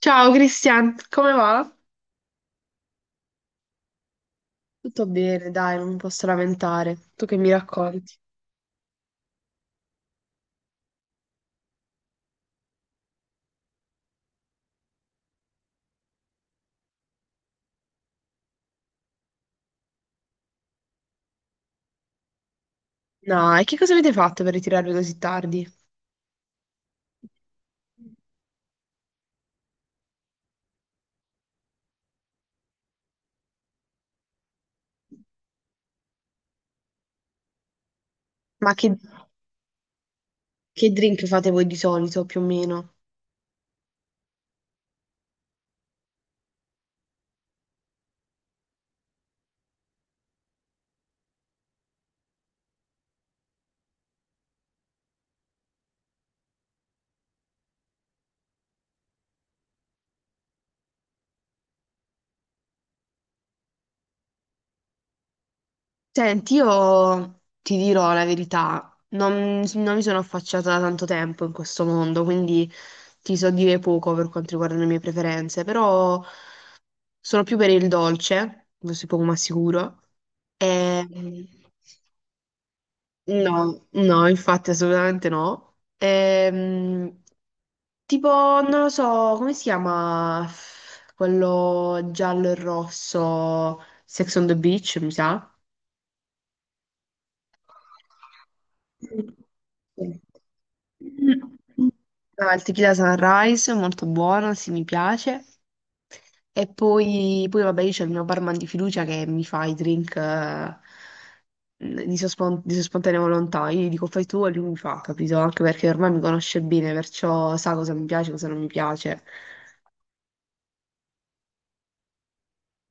Ciao Cristian, come va? Tutto bene, dai, non mi posso lamentare. Tu che mi racconti? No, e che cosa avete fatto per ritirarvi così tardi? Ma che drink fate voi di solito, più o meno? Senti, io ti dirò la verità, non mi sono affacciata da tanto tempo in questo mondo, quindi ti so dire poco per quanto riguarda le mie preferenze, però sono più per il dolce, questo è poco ma sicuro. E, no, no, infatti assolutamente no. Tipo, non lo so, come si chiama quello giallo e rosso, Sex on the Beach, mi sa? Sì. Mm. Ah, il tequila Sunrise è molto buono, sì, mi piace. E poi, poi vabbè, io c'ho il mio barman di fiducia che mi fa i drink di sua, di sua spontanea volontà. Io gli dico fai tu e lui mi fa, capito? Anche perché ormai mi conosce bene, perciò sa cosa mi piace e cosa non mi piace.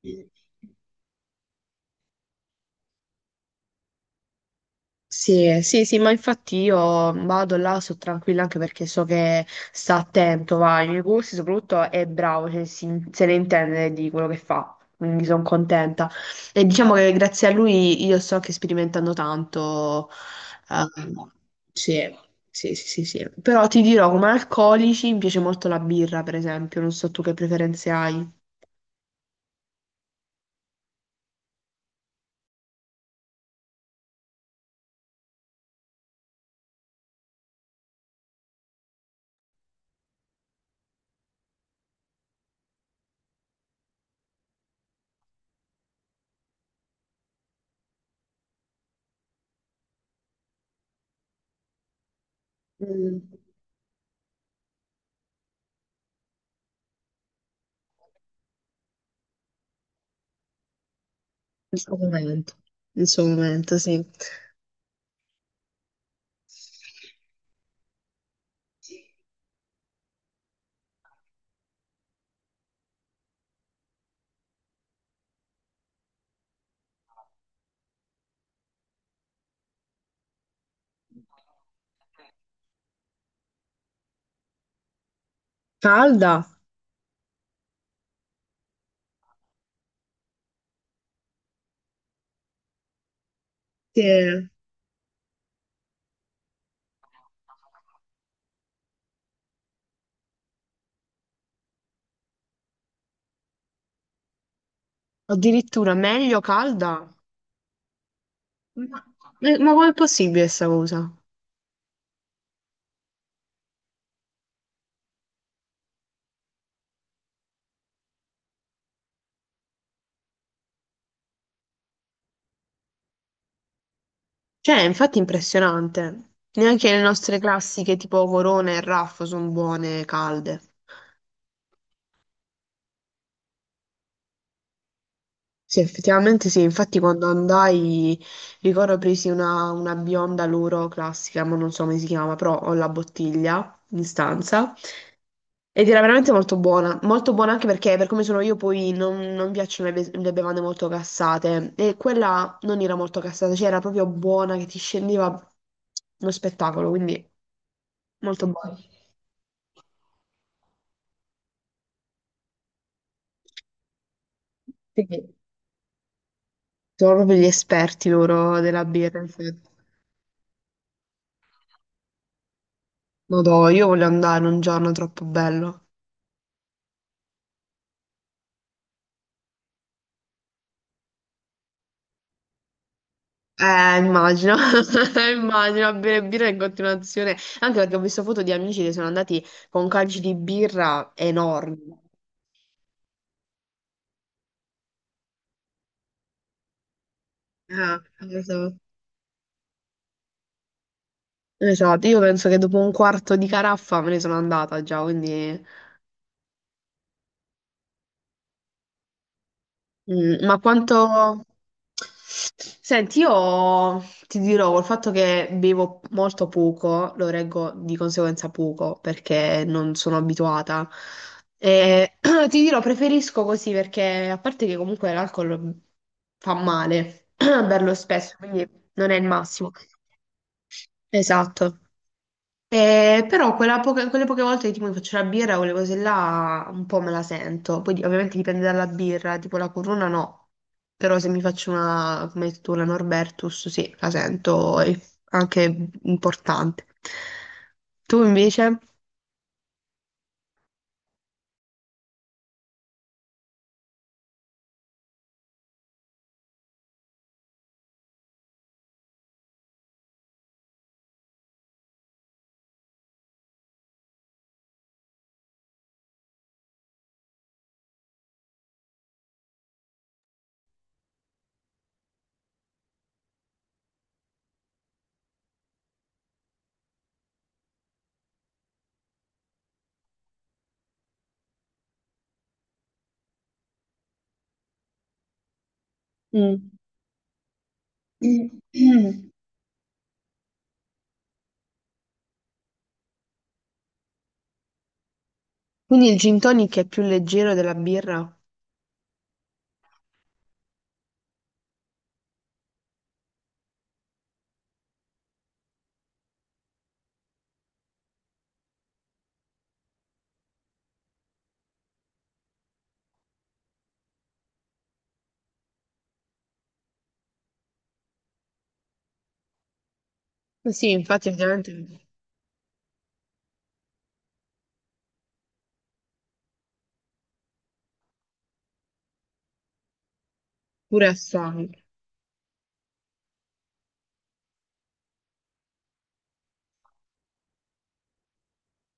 Sì. Sì, sì, sì, ma infatti io vado là, sono tranquilla anche perché so che sta attento, va, ai miei corsi, soprattutto è bravo, cioè, se ne intende di quello che fa, quindi sono contenta. E diciamo che grazie a lui io sto anche sperimentando tanto. ehm, sì, sì, sì, sì, sì. Però ti dirò, come alcolici mi piace molto la birra, per esempio, non so tu che preferenze hai. Mm, il suo momento, il suo momento, sì. Calda? Sì. Addirittura meglio calda? Ma, ma com'è possibile questa cosa? Cioè, infatti è infatti impressionante. Neanche le nostre classiche tipo Corona e Raffo sono buone calde. Sì, effettivamente sì. Infatti quando andai, ricordo presi una bionda loro classica, ma non so come si chiama, però ho la bottiglia in stanza. Ed era veramente molto buona, molto buona, anche perché per come sono io poi non, non mi piacciono le, le bevande molto cassate e quella non era molto cassata, cioè era proprio buona che ti scendeva uno spettacolo, quindi molto buona. Quindi sono proprio gli esperti loro della birra, infatti. Madò, io voglio andare un giorno, troppo bello. Immagino, immagino a bere birra in continuazione, anche perché ho visto foto di amici che sono andati con calci di birra enormi. Eh, Esatto, io penso che dopo un quarto di caraffa me ne sono andata già, quindi... Mm, ma quanto... Senti, io ti dirò, col fatto che bevo molto poco, lo reggo di conseguenza poco, perché non sono abituata. E ti dirò, preferisco così, perché a parte che comunque l'alcol fa male, berlo spesso, quindi non è il massimo. Esatto. Però quelle poche volte che tipo mi faccio la birra, quelle cose là un po' me la sento. Poi ovviamente dipende dalla birra, tipo la Corona no. Però se mi faccio una, come hai detto tu, la Norbertus, sì, la sento, è anche importante. Tu invece? Mm. Quindi il gin tonic è più leggero della birra? Eh, sì, infatti ovviamente pure assai.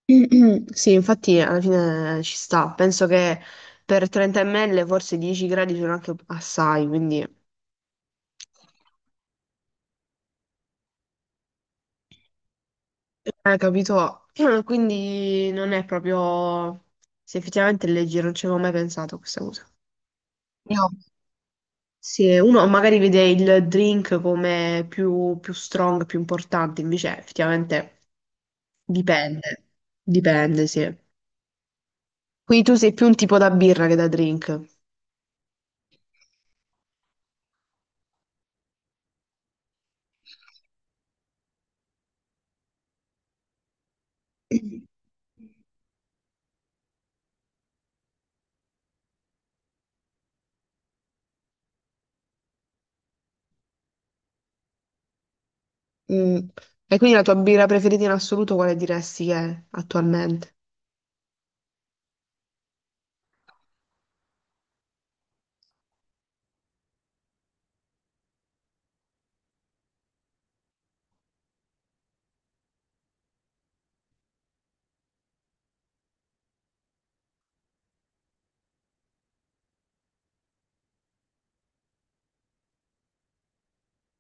Sì, infatti alla fine ci sta. Penso che per 30 ml forse 10 gradi sono anche assai, quindi capito? Quindi non è proprio... Se effettivamente è leggero, non ci avevo mai pensato a questa cosa. Io- sì, uno magari vede il drink come più, più strong, più importante, invece effettivamente dipende. Dipende, sì. Quindi tu sei più un tipo da birra che da drink. Mm. E quindi la tua birra preferita in assoluto quale diresti che è attualmente?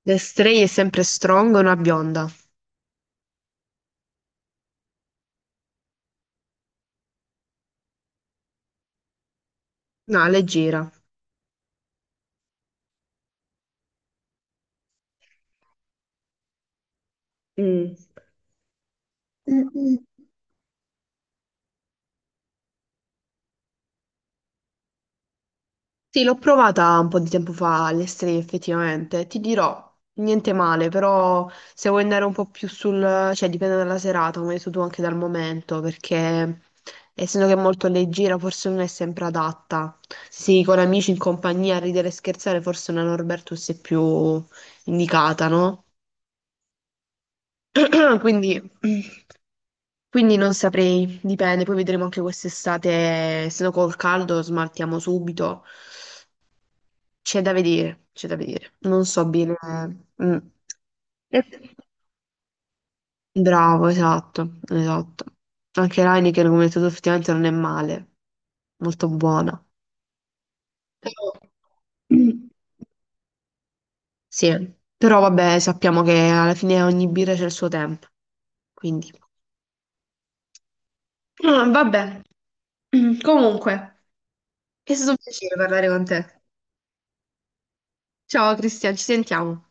The Stray è sempre strong, una bionda. No, leggera. Mm. Mm, mm. Sì, l'ho provata un po' di tempo fa alle Stray effettivamente. Ti dirò, niente male, però se vuoi andare un po' più sul... cioè dipende dalla serata, come hai detto tu anche dal momento, perché essendo che è molto leggera forse non è sempre adatta. Sì, con amici in compagnia a ridere e scherzare forse una Norbertus è più indicata, no? Quindi, quindi non saprei, dipende, poi vedremo anche quest'estate, se no col caldo smaltiamo subito. C'è da vedere, c'è da vedere. Non so bene. Mm. E- bravo, esatto, esatto. Anche l'Heineken, come hai detto tu, effettivamente non è male, molto buona. Però- mm. Sì, però vabbè, sappiamo che alla fine ogni birra c'è il suo tempo, quindi. Ah, vabbè, comunque. È stato un piacere parlare con te. Ciao Cristian, ci sentiamo.